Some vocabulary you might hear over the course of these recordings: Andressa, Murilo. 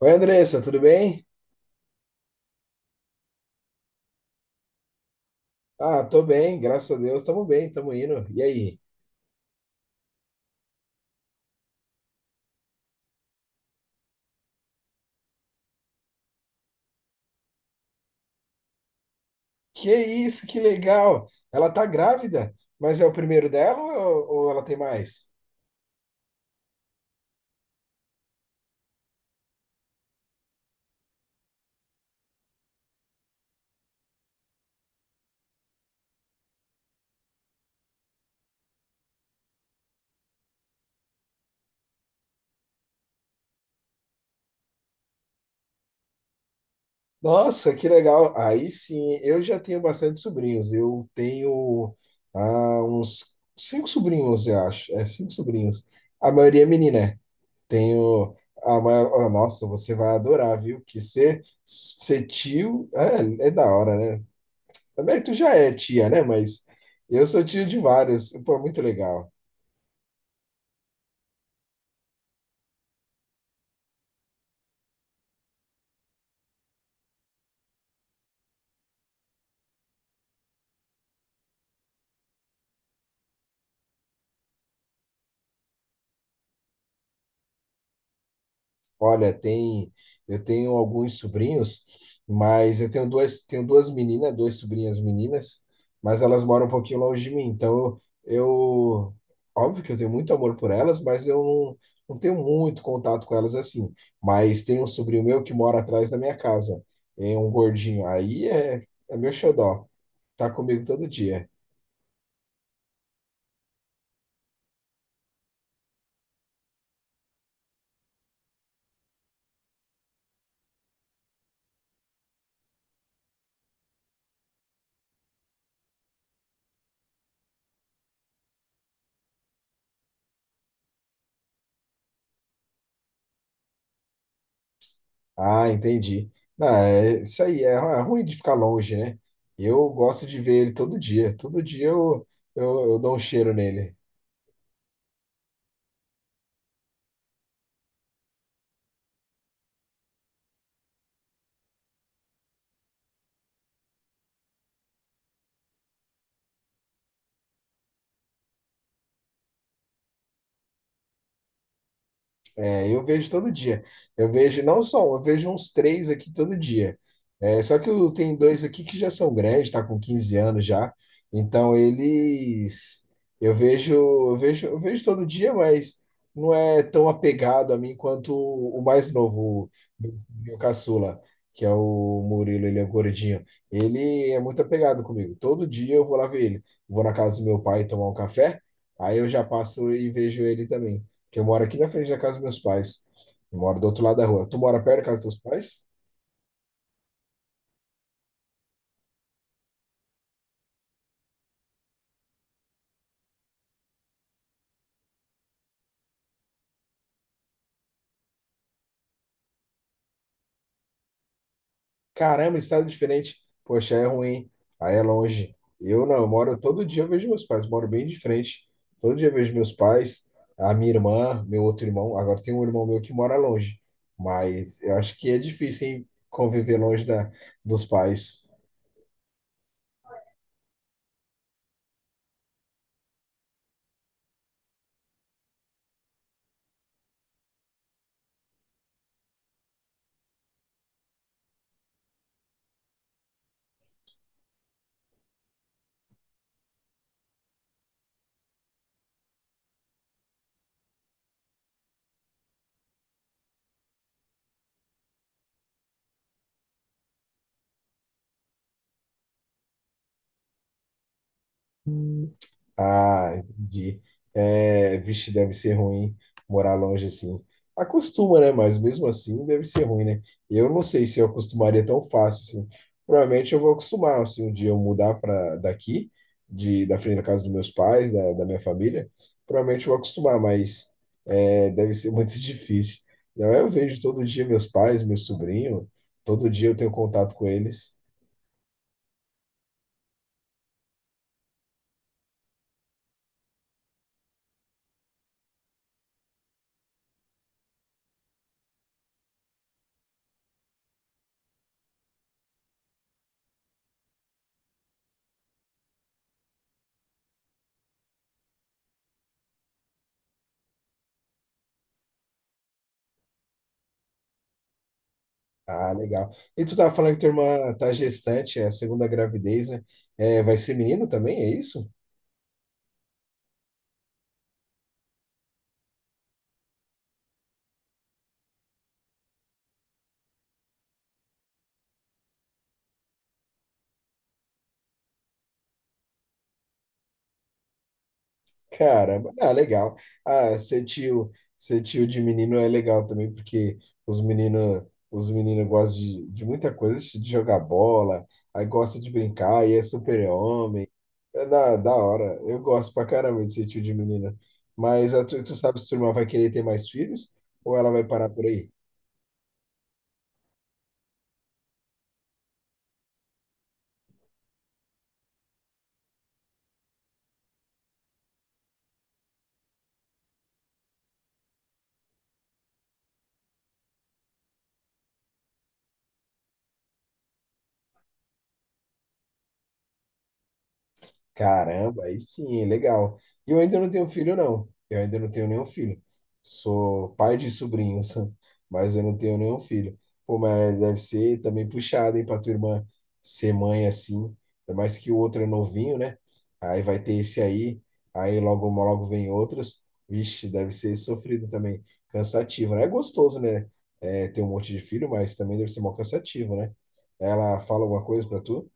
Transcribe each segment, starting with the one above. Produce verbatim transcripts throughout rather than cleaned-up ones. Oi, Andressa, tudo bem? Ah, tô bem, graças a Deus, tamo bem, tamo indo. E aí? Que isso, que legal! Ela tá grávida, mas é o primeiro dela ou, ou ela tem mais? Nossa, que legal! Aí sim, eu já tenho bastante sobrinhos. Eu tenho ah, uns cinco sobrinhos, eu acho. É, cinco sobrinhos. A maioria é menina. né? Tenho a maior... oh, nossa, você vai adorar, viu? Que ser, ser tio é, é da hora, né? Também tu já é tia, né? Mas eu sou tio de vários. Pô, é muito legal. Olha, tem, eu tenho alguns sobrinhos, mas eu tenho duas, tenho duas meninas, duas sobrinhas meninas, mas elas moram um pouquinho longe de mim. Então, eu, óbvio que eu tenho muito amor por elas, mas eu não, não tenho muito contato com elas assim. Mas tem um sobrinho meu que mora atrás da minha casa, é um gordinho. Aí é, é meu xodó. Tá comigo todo dia. Ah, entendi. Não, é isso aí, é, ru- é ruim de ficar longe, né? Eu gosto de ver ele todo dia. Todo dia eu, eu, eu dou um cheiro nele. É, eu vejo todo dia. Eu vejo não só um, eu vejo uns três aqui todo dia. É, só que eu tenho dois aqui que já são grandes, tá com quinze anos já. Então eles eu vejo, eu vejo, eu vejo todo dia, mas não é tão apegado a mim quanto o mais novo, o meu, meu caçula, que é o Murilo, ele é gordinho. Ele é muito apegado comigo. Todo dia eu vou lá ver ele. Vou na casa do meu pai tomar um café, aí eu já passo e vejo ele também. Porque eu moro aqui na frente da casa dos meus pais. Eu moro do outro lado da rua. Tu mora perto da casa dos teus pais? Caramba, estado diferente. Poxa, é ruim. Aí é longe. Eu não, eu moro todo dia, eu vejo meus pais. Moro bem de frente. Todo dia eu vejo meus pais, a minha irmã, meu outro irmão. Agora tem um irmão meu que mora longe. Mas eu acho que é difícil, hein, conviver longe da, dos pais. Ah, entendi. É, vixe, deve ser ruim morar longe assim. Acostuma, né? Mas mesmo assim deve ser ruim, né? Eu não sei se eu acostumaria tão fácil assim. Provavelmente eu vou acostumar, se um dia eu mudar para daqui, de, da frente da casa dos meus pais, da, da minha família, provavelmente eu vou acostumar, mas é, deve ser muito difícil. Não, eu vejo todo dia meus pais, meu sobrinho, todo dia eu tenho contato com eles. Ah, legal. E tu tava falando que tua irmã tá gestante, é a segunda gravidez, né? É, vai ser menino também, é isso? Caramba, ah, legal. Ah, ser tio, ser tio, de menino é legal também, porque os meninos, os meninos gostam de, de muita coisa, de jogar bola, aí gosta de brincar, e é super-homem. É da, da hora. Eu gosto pra caramba de ser tio de menina. Mas a tu, tu sabe se tua irmã vai querer ter mais filhos ou ela vai parar por aí? Caramba, aí sim, hein, legal. E eu ainda não tenho filho, não. Eu ainda não tenho nenhum filho. Sou pai de sobrinhos, mas eu não tenho nenhum filho. Pô, mas deve ser também puxado, hein, pra tua irmã ser mãe assim. Ainda mais que o outro é novinho, né? Aí vai ter esse aí, aí logo, logo vem outros. Vixe, deve ser sofrido também. Cansativo, né? É gostoso, né? É, ter um monte de filho, mas também deve ser mó cansativo, né? Ela fala alguma coisa pra tu?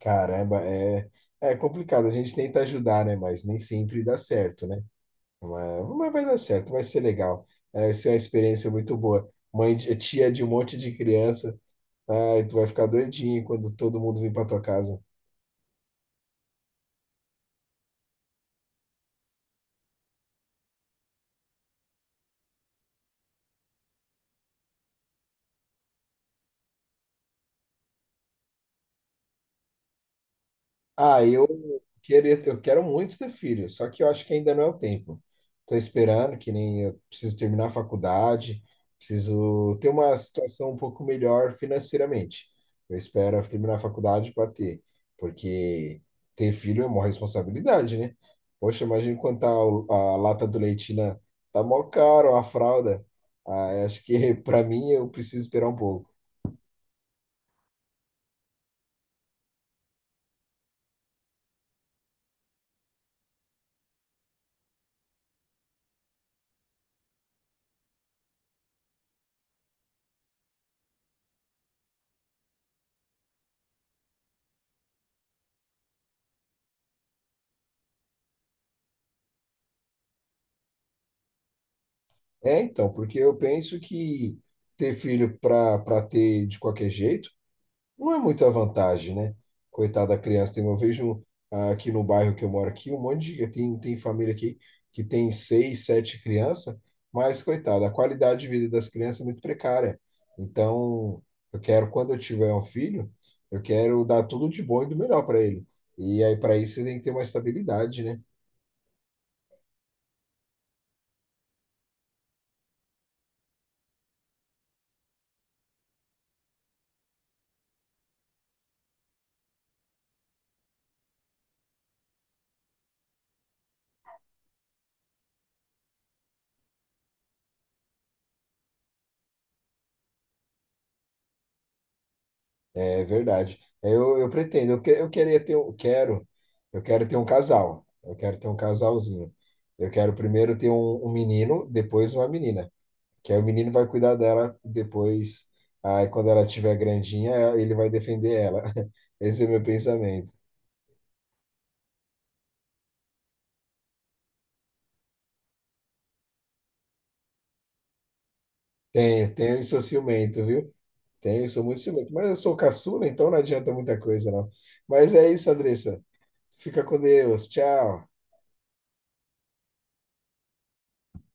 Caramba, é, é complicado. A gente tenta ajudar, né? Mas nem sempre dá certo, né? Mas, mas vai dar certo, vai ser legal. É, vai ser uma experiência muito boa. Mãe, de- tia de um monte de criança. Ai, tu vai ficar doidinho quando todo mundo vir para tua casa. Ah, eu queria ter- eu quero muito ter filho, só que eu acho que ainda não é o tempo. Estou esperando, que nem eu preciso terminar a faculdade, preciso ter uma situação um pouco melhor financeiramente. Eu espero terminar a faculdade para ter, porque ter filho é uma responsabilidade, né? Poxa, imagina quanto tá o- a lata do leite, né? Tá mó caro a fralda. Ah, acho que para mim eu preciso esperar um pouco. É, então, porque eu penso que ter filho para para ter de qualquer jeito não é muita vantagem, né? Coitada da criança. Eu vejo ah, aqui no bairro que eu moro aqui, um monte de tem, tem família aqui que tem seis, sete crianças, mas coitada, a qualidade de vida das crianças é muito precária. Então, eu quero, quando eu tiver um filho, eu quero dar tudo de bom e do melhor para ele. E aí, para isso, você tem que ter uma estabilidade, né? É verdade. É, Eu, eu pretendo, eu, que, eu queria ter, eu quero, eu quero ter um casal. Eu quero ter um casalzinho. Eu quero primeiro ter um, um menino, depois uma menina. Que aí o menino vai cuidar dela, depois, aí quando ela estiver grandinha, ele vai defender ela. Esse é o meu pensamento. Tenho, tenho e sou ciumento, viu? Tenho, sou muito ciumento. Mas eu sou caçula, então não adianta muita coisa, não. Mas é isso, Andressa. Fica com Deus. Tchau.